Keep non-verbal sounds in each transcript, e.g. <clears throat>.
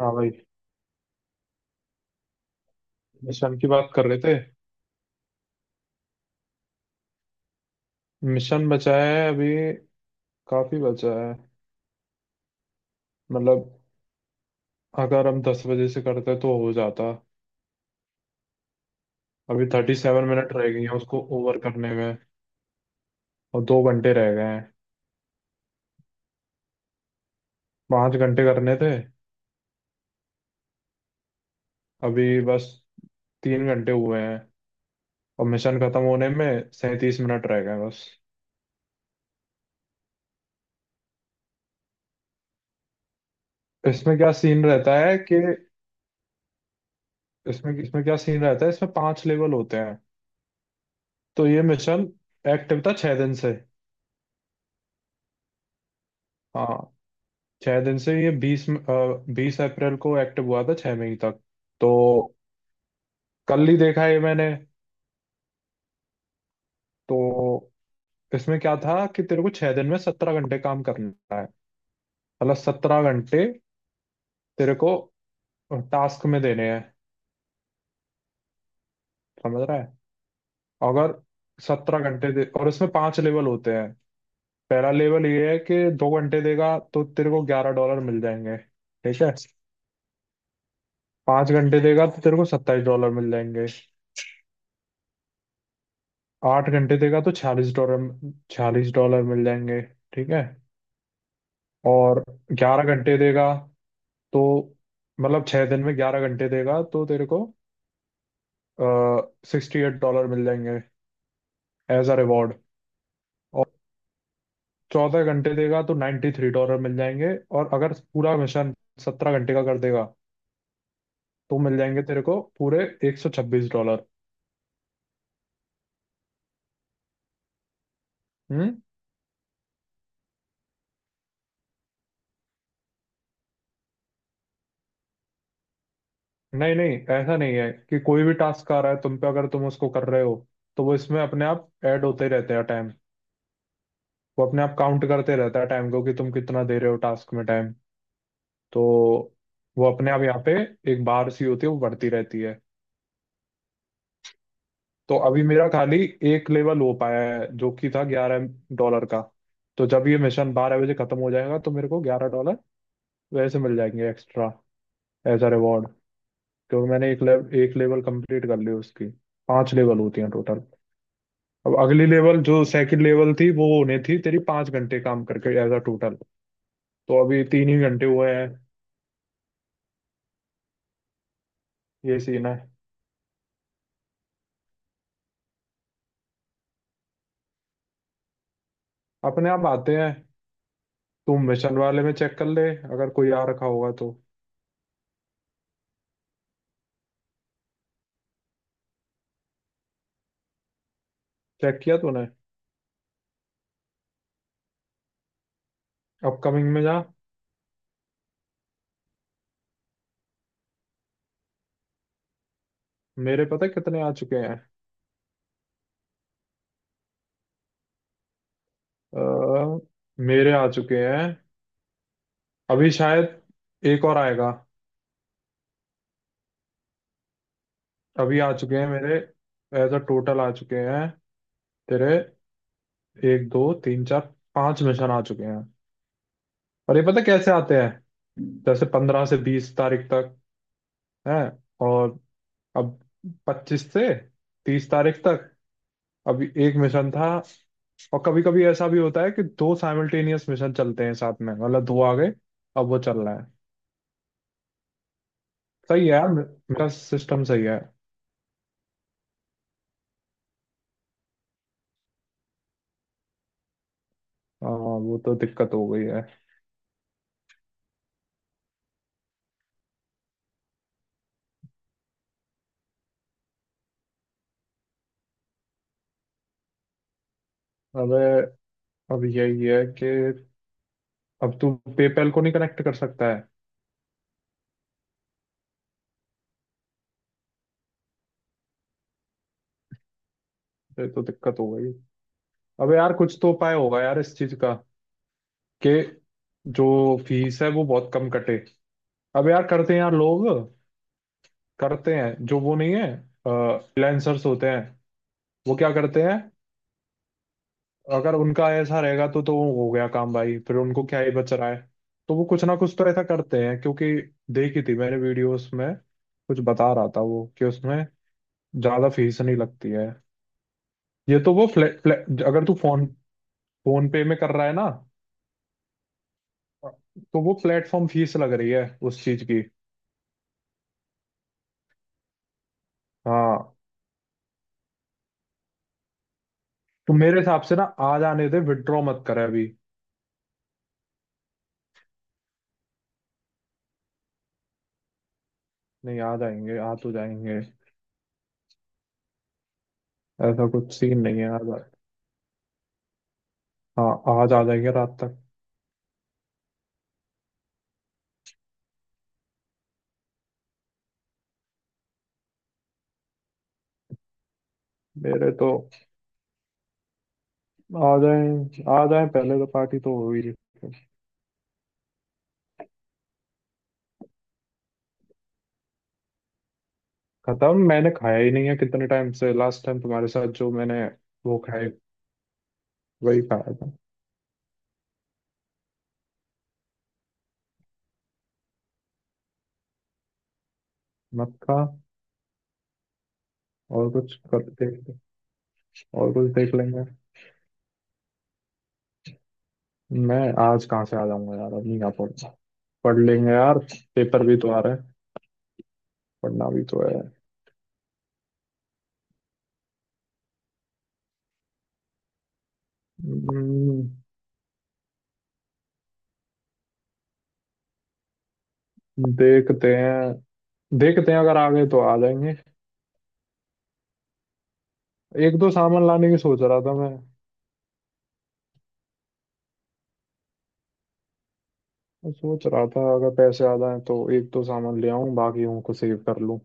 हाँ भाई, मिशन की बात कर रहे थे। मिशन बचा है अभी, काफी बचा है। मतलब अगर हम 10 बजे से करते तो हो जाता। अभी 37 मिनट रह गई हैं उसको ओवर करने में, और 2 घंटे रह गए हैं। 5 घंटे करने थे। अभी बस 3 घंटे हुए हैं, और मिशन खत्म होने में 37 मिनट रह गए हैं बस। इसमें क्या सीन रहता है कि इसमें इसमें क्या सीन रहता है, इसमें पांच लेवल होते हैं। तो ये मिशन एक्टिव था 6 दिन से। हाँ, 6 दिन से। ये बीस बीस अप्रैल को एक्टिव हुआ था, 6 मई तक। तो कल ही देखा ये मैंने। तो इसमें क्या था कि तेरे को 6 दिन में 17 घंटे काम करना है। मतलब 17 घंटे तेरे को टास्क में देने हैं। समझ रहा है। अगर 17 घंटे दे और इसमें पांच लेवल होते हैं। पहला लेवल ये है कि 2 घंटे देगा तो तेरे को 11 डॉलर मिल जाएंगे, ठीक है। 5 घंटे देगा तो तेरे को 27 डॉलर मिल जाएंगे। 8 घंटे देगा तो 46 डॉलर, 46 डॉलर मिल जाएंगे, ठीक है। और 11 घंटे देगा तो, मतलब 6 दिन में 11 घंटे देगा तो तेरे को 68 डॉलर मिल जाएंगे एज अ रिवॉर्ड। और 14 घंटे देगा तो 93 डॉलर मिल जाएंगे, और अगर पूरा मिशन 17 घंटे का कर देगा तो मिल जाएंगे तेरे को पूरे 126 डॉलर। हम्म। नहीं नहीं, ऐसा नहीं है कि कोई भी टास्क आ रहा है तुम पे, अगर तुम उसको कर रहे हो तो वो इसमें अपने आप ऐड होते ही रहते हैं टाइम। वो अपने आप काउंट करते रहता है टाइम को, कि तुम कितना दे रहे हो टास्क में टाइम। तो वो अपने आप यहाँ पे एक बार सी होती है, वो बढ़ती रहती है। तो अभी मेरा खाली एक लेवल हो पाया है, जो कि था 11 डॉलर का। तो जब ये मिशन 12 बजे खत्म हो जाएगा तो मेरे को 11 डॉलर वैसे मिल जाएंगे एक्स्ट्रा, एज अ रिवॉर्ड। क्योंकि मैंने एक लेवल कंप्लीट कर ली उसकी। पांच लेवल होती हैं टोटल। अब अगली लेवल जो सेकंड लेवल थी, वो होने थी तेरी 5 घंटे काम करके एज अ टोटल। तो अभी तीन ही घंटे हुए हैं। ये सीन है। अपने आप आते हैं। तुम मिशन वाले में चेक कर ले, अगर कोई आ रखा होगा तो। चेक किया तूने? अपकमिंग में जा। मेरे पता है कितने आ चुके हैं। अ, मेरे आ चुके हैं अभी, शायद एक और आएगा। अभी आ चुके हैं मेरे, एज अ टोटल आ चुके हैं तेरे। एक दो तीन चार पांच मिशन आ चुके हैं। और ये पता है कैसे आते हैं? जैसे 15 से 20 तारीख तक है। और अब 25 से 30 तारीख तक अभी एक मिशन था। और कभी कभी ऐसा भी होता है कि दो साइमल्टेनियस मिशन चलते हैं साथ में, मतलब दो आ गए। अब वो चल रहा है। सही है यार, मेरा सिस्टम सही है। हाँ, वो तो दिक्कत हो गई है। अबे, अब यही है कि अब तू पेपैल को नहीं कनेक्ट कर सकता है। ये तो दिक्कत हो गई। अबे यार, कुछ तो उपाय होगा यार इस चीज का, कि जो फीस है वो बहुत कम कटे। अबे यार, करते हैं यार लोग। करते हैं, जो वो नहीं है, फ्रीलांसर्स होते हैं, वो क्या करते हैं। अगर उनका ऐसा रहेगा तो वो हो गया काम भाई, फिर उनको क्या ही बच रहा है। तो वो कुछ ना कुछ तो ऐसा करते हैं। क्योंकि देखी थी मैंने वीडियोस में, कुछ बता रहा था वो कि उसमें ज्यादा फीस नहीं लगती है। ये तो वो फ्लैट फ्लैट, अगर तू फोन फोन पे में कर रहा है ना, तो वो प्लेटफॉर्म फीस लग रही है उस चीज की। हाँ, तो मेरे हिसाब से ना, आ जाने दे, विड्रॉ मत करे अभी। नहीं, आ जाएंगे, आ तो जाएंगे। ऐसा कुछ सीन नहीं है आज। हाँ, आज आ जाएंगे रात तक। मेरे तो, आ जाए पहले, तो पार्टी तो हो ही रही है। खत्म, मैंने खाया ही नहीं है कितने टाइम से, लास्ट टाइम तुम्हारे साथ जो मैंने वो खाए, वही खाया था। मत खा। और कुछ कर देख, और कुछ देख लेंगे। मैं आज कहाँ से आ जाऊंगा यार, अब नहीं आ पाऊंगा। पढ़ लेंगे यार, पेपर भी तो आ रहे हैं, पढ़ना भी तो है। हम्म। देखते हैं, देखते हैं, अगर आ गए तो आ जाएंगे। एक दो सामान लाने की सोच रहा था मैं। मैं सोच रहा था अगर पैसे आ जाएं तो एक तो सामान ले आऊं, बाकियों को सेव कर लूं।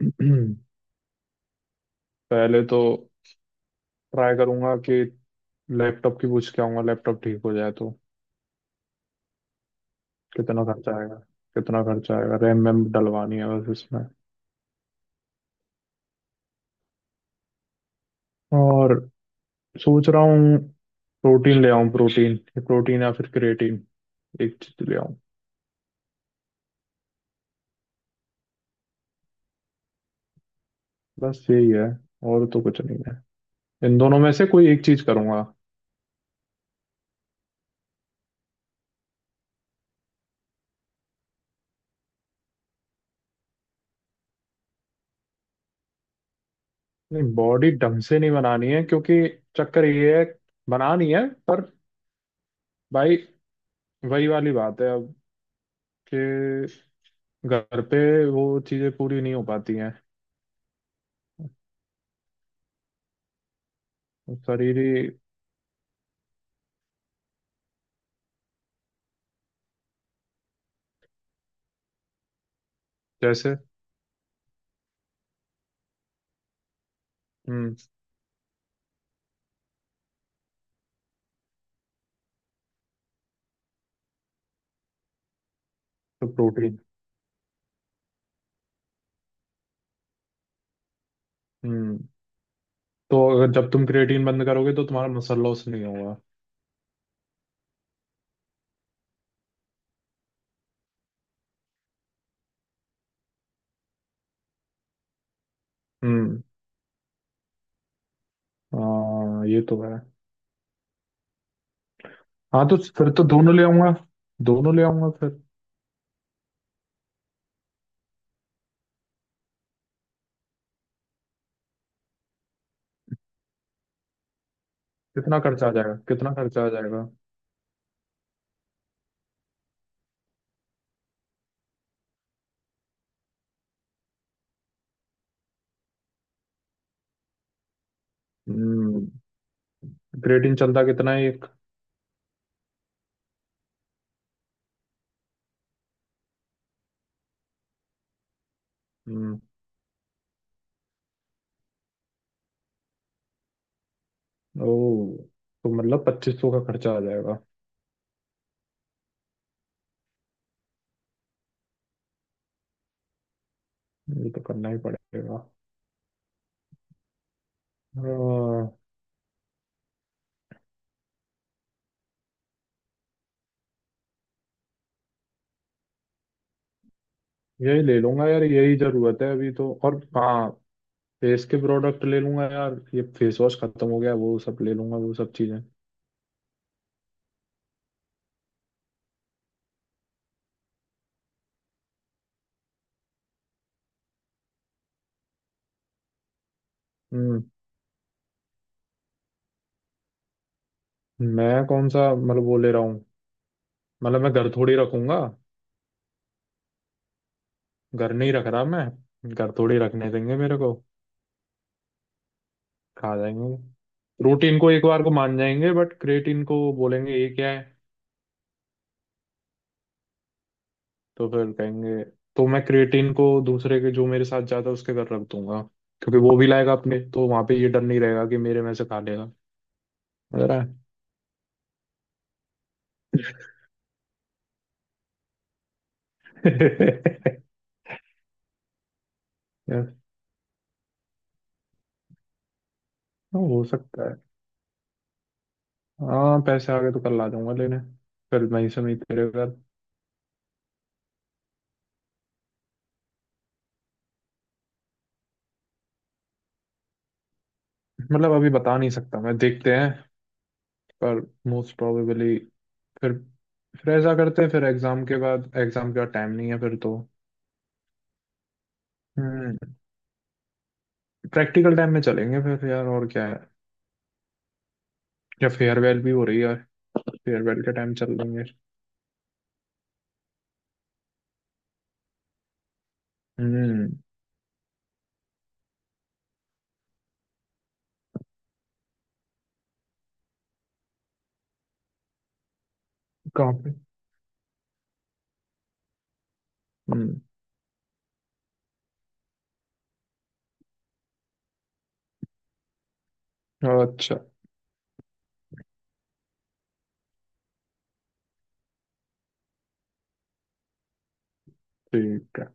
<clears throat> पहले तो ट्राई करूंगा कि लैपटॉप की पूछ के आऊंगा, लैपटॉप ठीक हो जाए तो कितना खर्चा आएगा, कितना खर्चा आएगा। रैम वैम डलवानी है बस इसमें। और सोच रहा हूँ प्रोटीन ले आऊं, प्रोटीन प्रोटीन या फिर क्रिएटिन, एक चीज ले आऊं। बस यही है, और तो कुछ नहीं है। इन दोनों में से कोई एक चीज करूंगा। नहीं, बॉडी ढंग से नहीं बनानी है, क्योंकि चक्कर ये है, बनानी है पर भाई वही वाली बात है अब, कि घर पे वो चीजें पूरी नहीं हो पाती हैं। शरीर ही, जैसे। हम्म। तो प्रोटीन। हम्म। तो अगर जब तुम क्रिएटिन बंद करोगे तो तुम्हारा मसल लॉस नहीं होगा। हम्म। हाँ, ये तो है। हाँ, तो फिर तो दोनों ले आऊंगा, दोनों ले आऊंगा फिर। कितना खर्चा आ जाएगा, कितना खर्चा आ जाएगा। हम्म। क्रिएटिन चलता कितना है एक। हम्म। ओ, तो मतलब 2500 का खर्चा आ जाएगा। ये तो करना ही पड़ेगा। हाँ। यही ले लूंगा यार, यही जरूरत है अभी तो, और हाँ फेस के प्रोडक्ट ले लूंगा यार, ये फेस वॉश खत्म हो गया, वो सब ले लूंगा, वो सब चीजें। हम्म। मैं कौन सा मतलब वो ले रहा हूँ, मतलब मैं घर थोड़ी रखूंगा। घर नहीं रख रहा, मैं घर थोड़ी रखने देंगे मेरे को। खा जाएंगे। प्रोटीन को एक बार को मान जाएंगे, बट क्रिएटिन को बोलेंगे ये क्या है। तो फिर कहेंगे, तो मैं क्रिएटिन को दूसरे के, जो मेरे साथ जाता है उसके घर रख दूंगा। क्योंकि वो भी लाएगा अपने, तो वहां पे ये डर नहीं रहेगा कि मेरे में से खा लेगा। समझ रहा है। <laughs> यार। हाँ, हो सकता है। हाँ, पैसे आ गए तो कल आ जाऊंगा लेने, फिर वहीं से मैं तेरे घर। मतलब अभी बता नहीं सकता मैं, देखते हैं। पर मोस्ट प्रोबेबली, फिर फिर ऐसा करते हैं, फिर एग्जाम के बाद टाइम नहीं है फिर तो। हम्म। प्रैक्टिकल टाइम में चलेंगे फिर यार, और क्या। या फेयरवेल भी हो रही है, फेयरवेल का टाइम चल रही है। हम्म। काफी। हम्म। अच्छा। ठीक है।